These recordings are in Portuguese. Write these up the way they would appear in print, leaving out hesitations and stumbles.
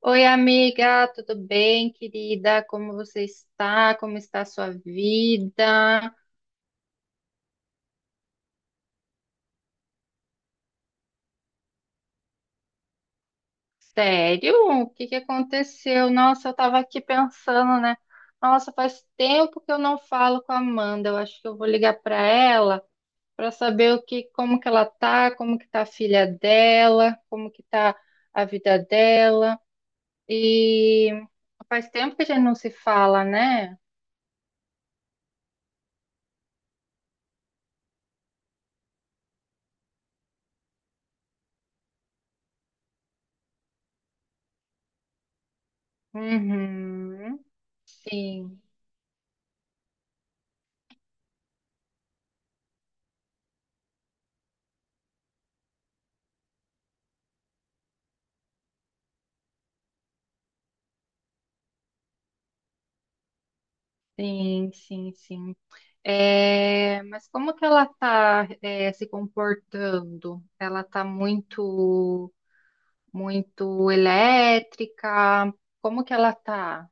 Oi, amiga, tudo bem, querida? Como você está? Como está a sua vida? Sério? O que que aconteceu? Nossa, eu estava aqui pensando, né? Nossa, faz tempo que eu não falo com a Amanda. Eu acho que eu vou ligar para ela para saber o que, como que ela tá, como que tá a filha dela, como que tá a vida dela. E faz tempo que a gente não se fala, né? Uhum. Sim, sim, sim, sim. É, mas como que ela está se comportando? Ela está muito, muito elétrica? Como que ela está?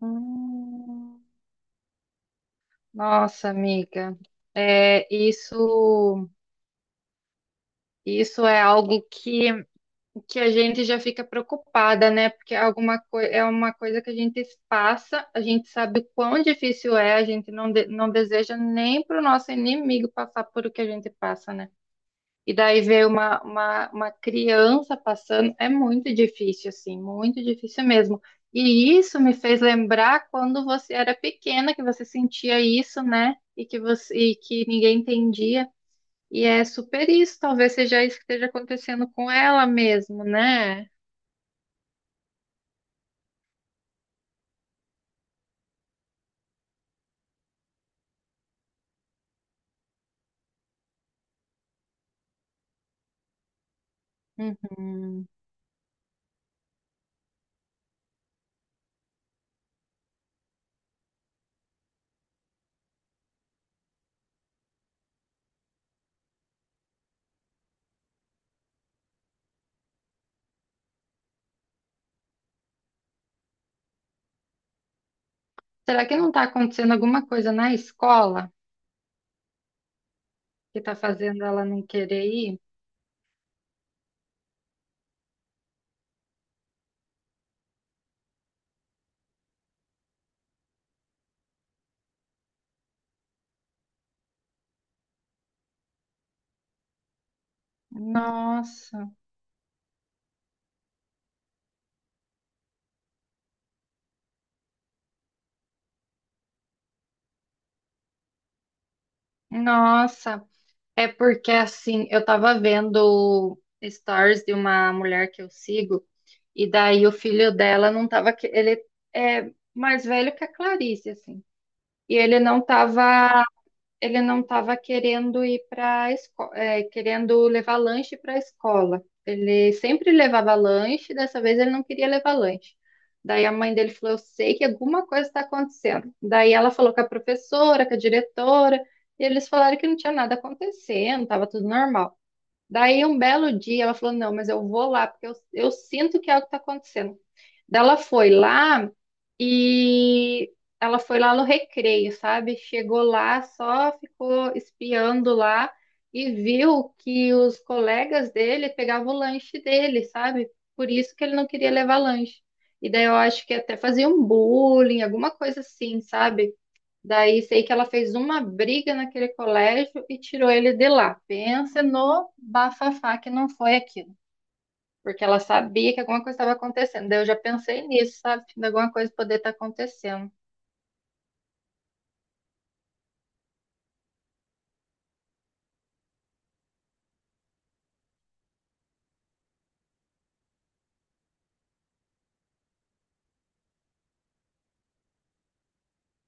Hum, nossa, amiga, é, isso é algo que a gente já fica preocupada, né? Porque é é uma coisa que a gente passa, a gente sabe o quão difícil é, a gente não deseja nem para o nosso inimigo passar por o que a gente passa, né? E daí ver uma criança passando é muito difícil, assim, muito difícil mesmo. E isso me fez lembrar quando você era pequena, que você sentia isso, né? E que você, e que ninguém entendia. E é super isso, talvez seja isso que esteja acontecendo com ela mesmo, né? Uhum. Será que não está acontecendo alguma coisa na escola que está fazendo ela não querer ir? Nossa, nossa. É porque assim, eu tava vendo stories de uma mulher que eu sigo, e daí o filho dela não tava. Ele é mais velho que a Clarice, assim. E ele não tava ele não estava querendo ir para escola, querendo levar lanche para a escola. Ele sempre levava lanche, dessa vez ele não queria levar lanche. Daí a mãe dele falou: "Eu sei que alguma coisa está acontecendo". Daí ela falou com a professora, com a diretora, e eles falaram que não tinha nada acontecendo, estava tudo normal. Daí um belo dia ela falou: "Não, mas eu vou lá, porque eu sinto que algo está acontecendo". Daí ela foi lá e ela foi lá no recreio, sabe? Chegou lá, só ficou espiando lá e viu que os colegas dele pegavam o lanche dele, sabe? Por isso que ele não queria levar lanche. E daí eu acho que até fazia um bullying, alguma coisa assim, sabe? Daí sei que ela fez uma briga naquele colégio e tirou ele de lá. Pensa no bafafá que não foi aquilo, porque ela sabia que alguma coisa estava acontecendo. Daí eu já pensei nisso, sabe? De alguma coisa poder estar acontecendo.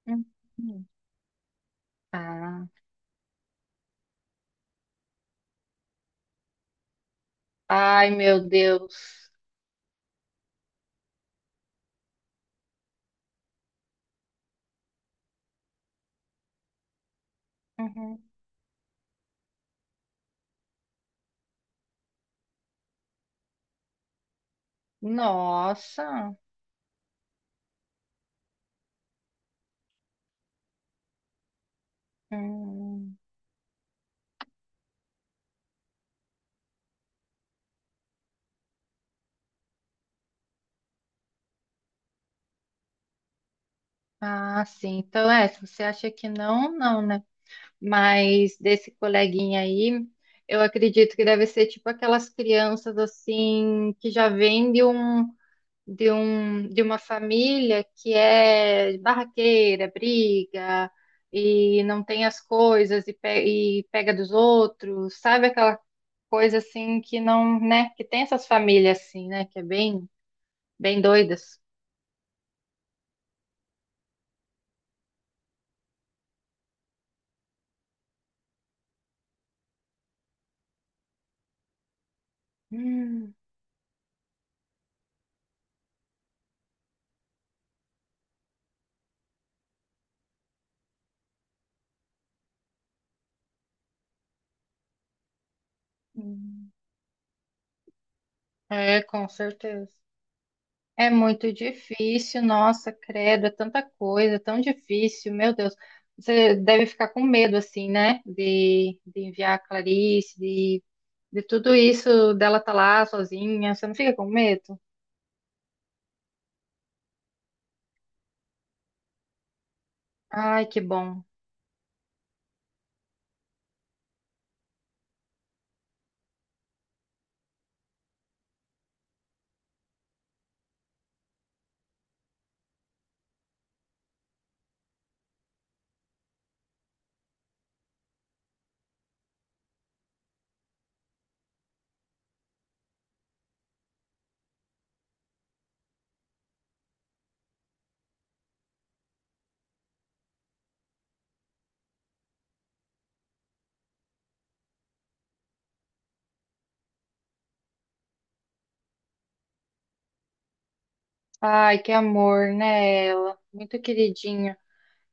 Uhum. Ah. Ai, meu Deus. Uhum. Nossa. Hum. Ah, sim. Então, é, se você acha que não, não, né? Mas desse coleguinha aí, eu acredito que deve ser tipo aquelas crianças assim que já vêm de, de uma família que é barraqueira, briga e não tem as coisas e pega dos outros, sabe aquela coisa assim que não, né, que tem essas famílias assim, né, que é bem, bem doidas. Hum, hum. É, com certeza. É muito difícil, nossa, credo, é tanta coisa, é tão difícil, meu Deus. Você deve ficar com medo, assim, né? De enviar a Clarice, de tudo isso, dela tá lá sozinha. Você não fica com medo? Ai, que bom. Ai, que amor, né, ela? Muito queridinha.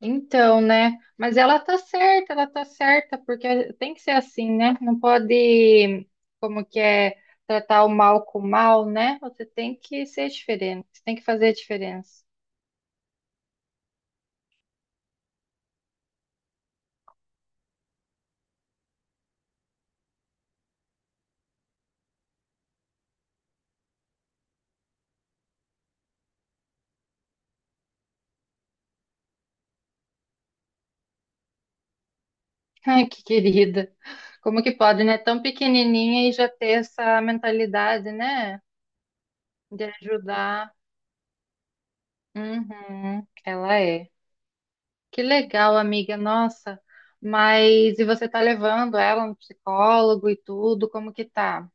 Então, né? Mas ela tá certa, porque tem que ser assim, né? Não pode, como que é, tratar o mal com o mal, né? Você tem que ser diferente, você tem que fazer a diferença. Ai, que querida. Como que pode, né? Tão pequenininha e já ter essa mentalidade, né? De ajudar. Uhum, ela é. Que legal, amiga, nossa. Mas e você tá levando ela no psicólogo e tudo? Como que tá?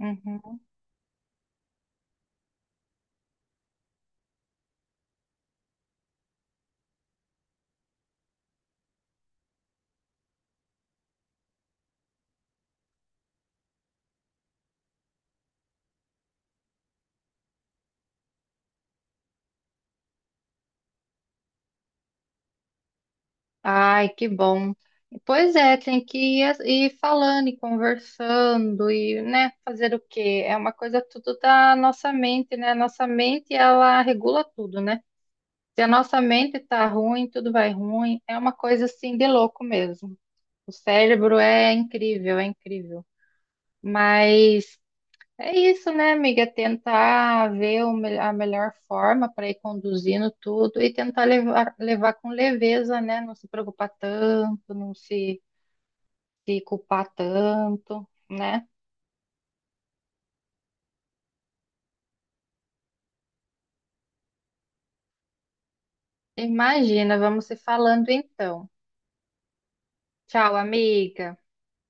Uhum. Ai, que bom. Pois é, tem que ir, ir falando e conversando e, né, fazer o quê? É uma coisa tudo da nossa mente, né? Nossa mente, ela regula tudo, né? Se a nossa mente tá ruim, tudo vai ruim. É uma coisa assim de louco mesmo. O cérebro é incrível, é incrível. Mas é isso, né, amiga? Tentar ver a melhor forma para ir conduzindo tudo e tentar levar, levar com leveza, né? Não se preocupar tanto, se culpar tanto, né? Imagina, vamos se falando então. Tchau, amiga.